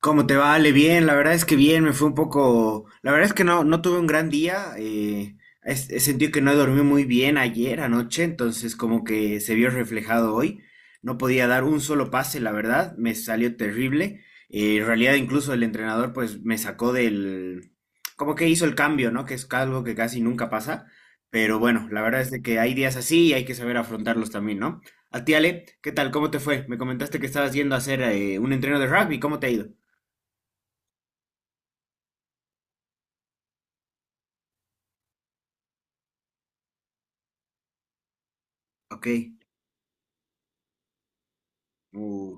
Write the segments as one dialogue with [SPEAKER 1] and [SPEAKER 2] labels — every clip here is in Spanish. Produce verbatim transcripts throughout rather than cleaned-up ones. [SPEAKER 1] ¿Cómo te va, vale? Bien, la verdad es que bien, me fue un poco, la verdad es que no, no tuve un gran día, eh, es- he sentido que no dormí muy bien ayer anoche, entonces como que se vio reflejado hoy, no podía dar un solo pase, la verdad, me salió terrible, eh, en realidad incluso el entrenador pues me sacó del, como que hizo el cambio, ¿no? Que es algo que casi nunca pasa, pero bueno, la verdad es de que hay días así y hay que saber afrontarlos también, ¿no? A ti, Ale, ¿qué tal? ¿Cómo te fue? Me comentaste que estabas yendo a hacer eh, un entreno de rugby, ¿cómo te ha ido? Ok. Uh,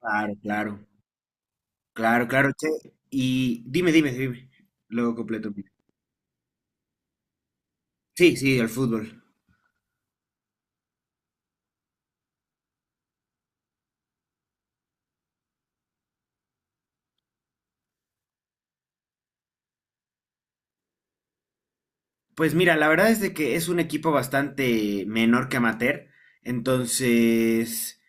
[SPEAKER 1] claro, claro. Claro, claro, che. Y dime, dime, dime. Luego completo. Sí, sí, el fútbol. Pues mira, la verdad es de que es un equipo bastante menor que amateur. Entonces,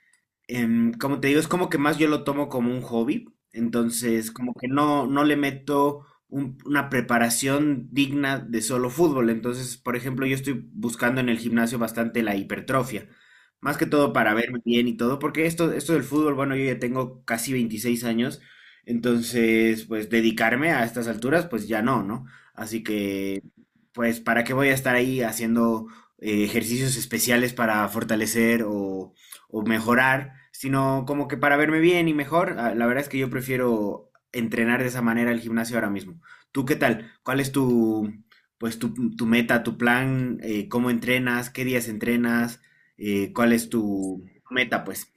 [SPEAKER 1] em, como te digo, es como que más yo lo tomo como un hobby, entonces como que no, no le meto un- una preparación digna de solo fútbol. Entonces, por ejemplo, yo estoy buscando en el gimnasio bastante la hipertrofia, más que todo para verme bien y todo, porque esto, esto del fútbol, bueno, yo ya tengo casi veintiséis años, entonces pues dedicarme a estas alturas, pues ya no, ¿no? Así que, pues, ¿para qué voy a estar ahí haciendo eh, ejercicios especiales para fortalecer o o mejorar, sino como que para verme bien y mejor. Ah, la verdad es que yo prefiero entrenar de esa manera el gimnasio ahora mismo. ¿Tú qué tal? ¿Cuál es tu, pues, tu, tu meta, tu plan? Eh, ¿cómo entrenas? ¿Qué días entrenas? Eh, ¿cuál es tu meta, pues?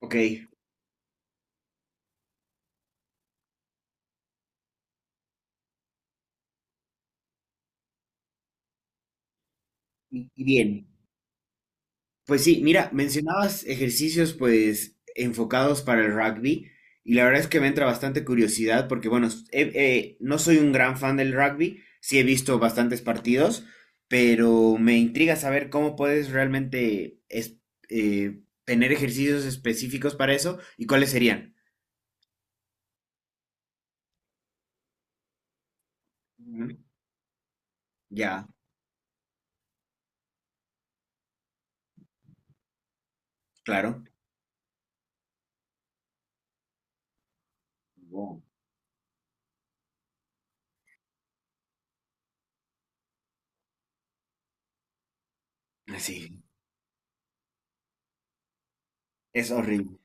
[SPEAKER 1] Ok, y y bien. Pues sí, mira, mencionabas ejercicios pues enfocados para el rugby y la verdad es que me entra bastante curiosidad porque bueno, s- he- eh, no soy un gran fan del rugby, sí he visto bastantes partidos, pero me intriga saber cómo puedes realmente es- eh, tener ejercicios específicos para eso y cuáles serían. Ujú. Ya, claro. Wow. Así, es horrible.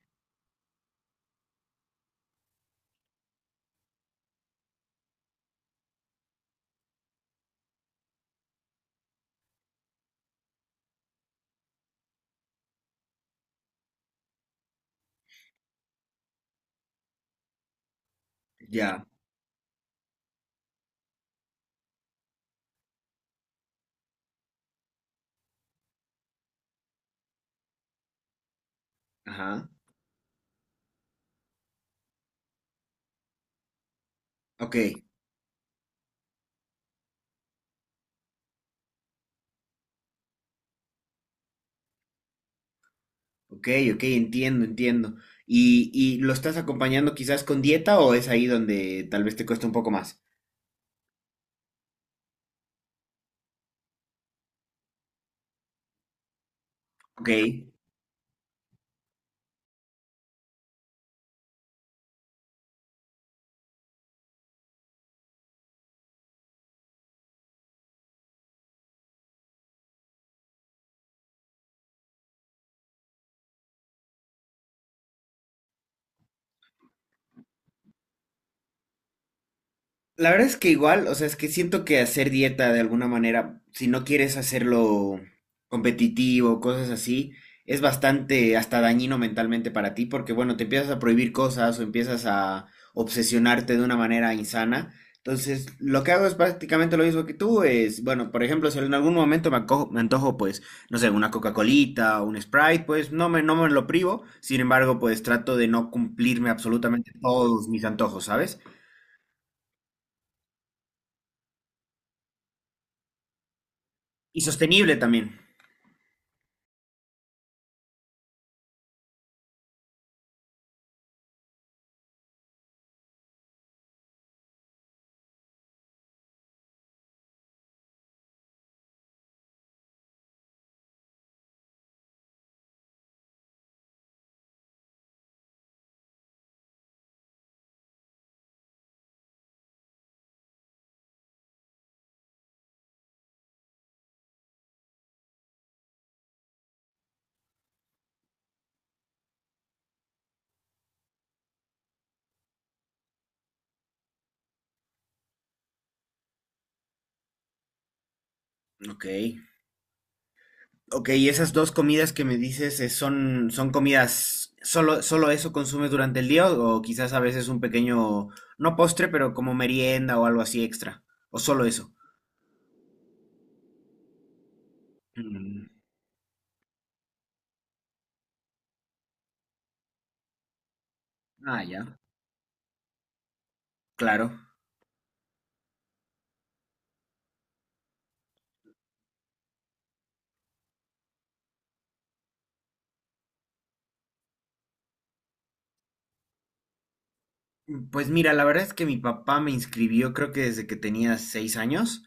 [SPEAKER 1] Ya, ajá, ok. Ok, ok, entiendo, entiendo. ¿Y, y lo estás acompañando quizás con dieta o es ahí donde tal vez te cuesta un poco más? Ok. La verdad es que igual, o sea, es que siento que hacer dieta de alguna manera, si no quieres hacerlo competitivo, cosas así, es bastante hasta dañino mentalmente para ti, porque bueno, te empiezas a prohibir cosas o empiezas a obsesionarte de una manera insana. Entonces, lo que hago es prácticamente lo mismo que tú, es, bueno, por ejemplo, si en algún momento me ancojo, me antojo, pues, no sé, una Coca-Colita o un Sprite, pues no me, no me lo privo, sin embargo, pues trato de no cumplirme absolutamente todos mis antojos, ¿sabes? Y sostenible también. Ok. Ok, y esas dos comidas que me dices eh, son, son comidas, solo, solo eso consumes durante el día o, o quizás a veces un pequeño, no postre, pero como merienda o algo así extra, o solo eso. Mm. Ah, ya, claro. Mm, Pues mira, la verdad es que mi papá me inscribió creo que desde que tenía seis años.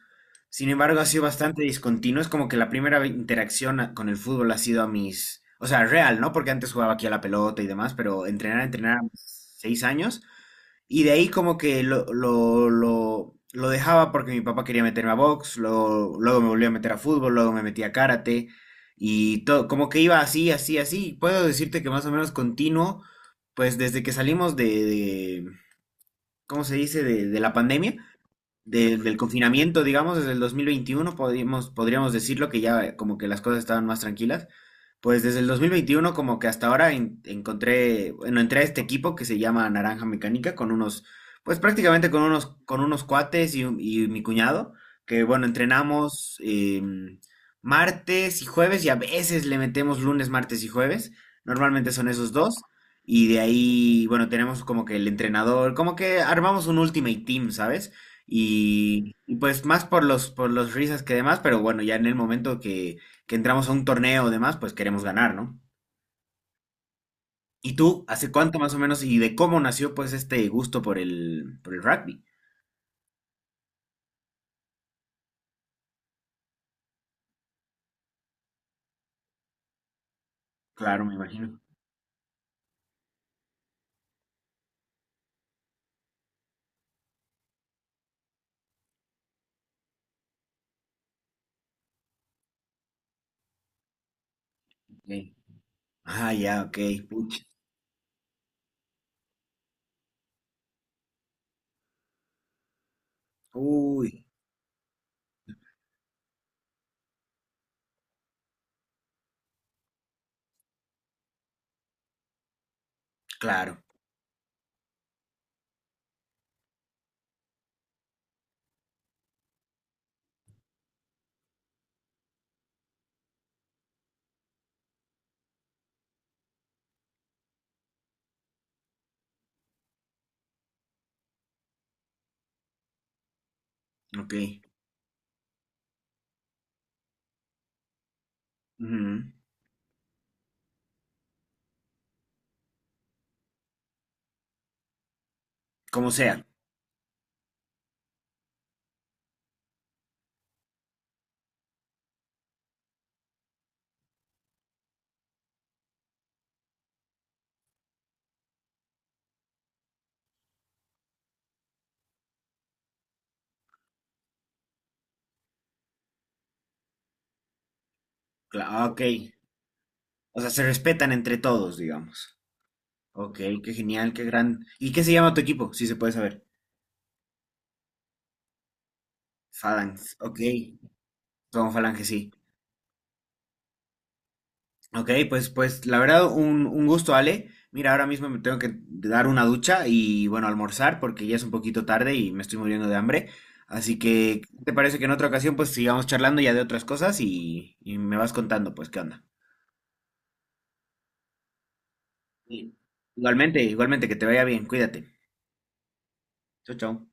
[SPEAKER 1] Sin embargo, ha sido bastante discontinuo. Es como que la primera ve- interacción a- con el fútbol ha sido a mis, o sea, real, ¿no? Porque antes jugaba aquí a la pelota y demás, pero entrenar, entrenar a mis seis años. Y de ahí como que lo, lo, lo, lo dejaba porque mi papá quería meterme a box, luego, luego me volvió a meter a fútbol, luego me metí a karate y todo, como que iba así, así, así. Puedo decirte que más o menos continuo, pues desde que salimos de, de- ¿cómo se dice?, de, de la pandemia, de- del confinamiento, digamos, desde el dos mil veintiuno podríamos, podríamos decirlo que ya como que las cosas estaban más tranquilas. Pues desde el dos mil veintiuno como que hasta ahora en- encontré, bueno, entré a este equipo que se llama Naranja Mecánica con unos, pues prácticamente con unos, con unos cuates y, un- y mi cuñado, que bueno, entrenamos em, martes y jueves y a veces le metemos lunes, martes y jueves. Normalmente son esos dos. Y de ahí, bueno, tenemos como que el entrenador, como que armamos un ultimate team, ¿sabes? Y, y pues más por los, por los risas que demás, pero bueno, ya en el momento que, que entramos a un torneo o demás, pues queremos ganar, ¿no? ¿Y tú, hace cuánto más o menos y de cómo nació pues este gusto por el, por el rugby? Claro, me imagino. Ok. Ah, ya, ok. Pucha. Uy, claro, ok. Ujú. Como sea. Cla- ah, ok. O sea, se respetan entre todos, digamos. Ok, qué genial, qué gran. ¿Y qué se llama tu equipo? Si se puede saber. Phalanx, ok. Somos Falange, sí. Ok, pues, pues la verdad un, un gusto, Ale. Mira, ahora mismo me tengo que dar una ducha y bueno, almorzar porque ya es un poquito tarde y me estoy muriendo de hambre. Así que, ¿qué ¿te parece que en otra ocasión pues sigamos charlando ya de otras cosas y, y me vas contando pues qué onda? Sí. Igualmente, igualmente, que te vaya bien, cuídate. Chau, chau.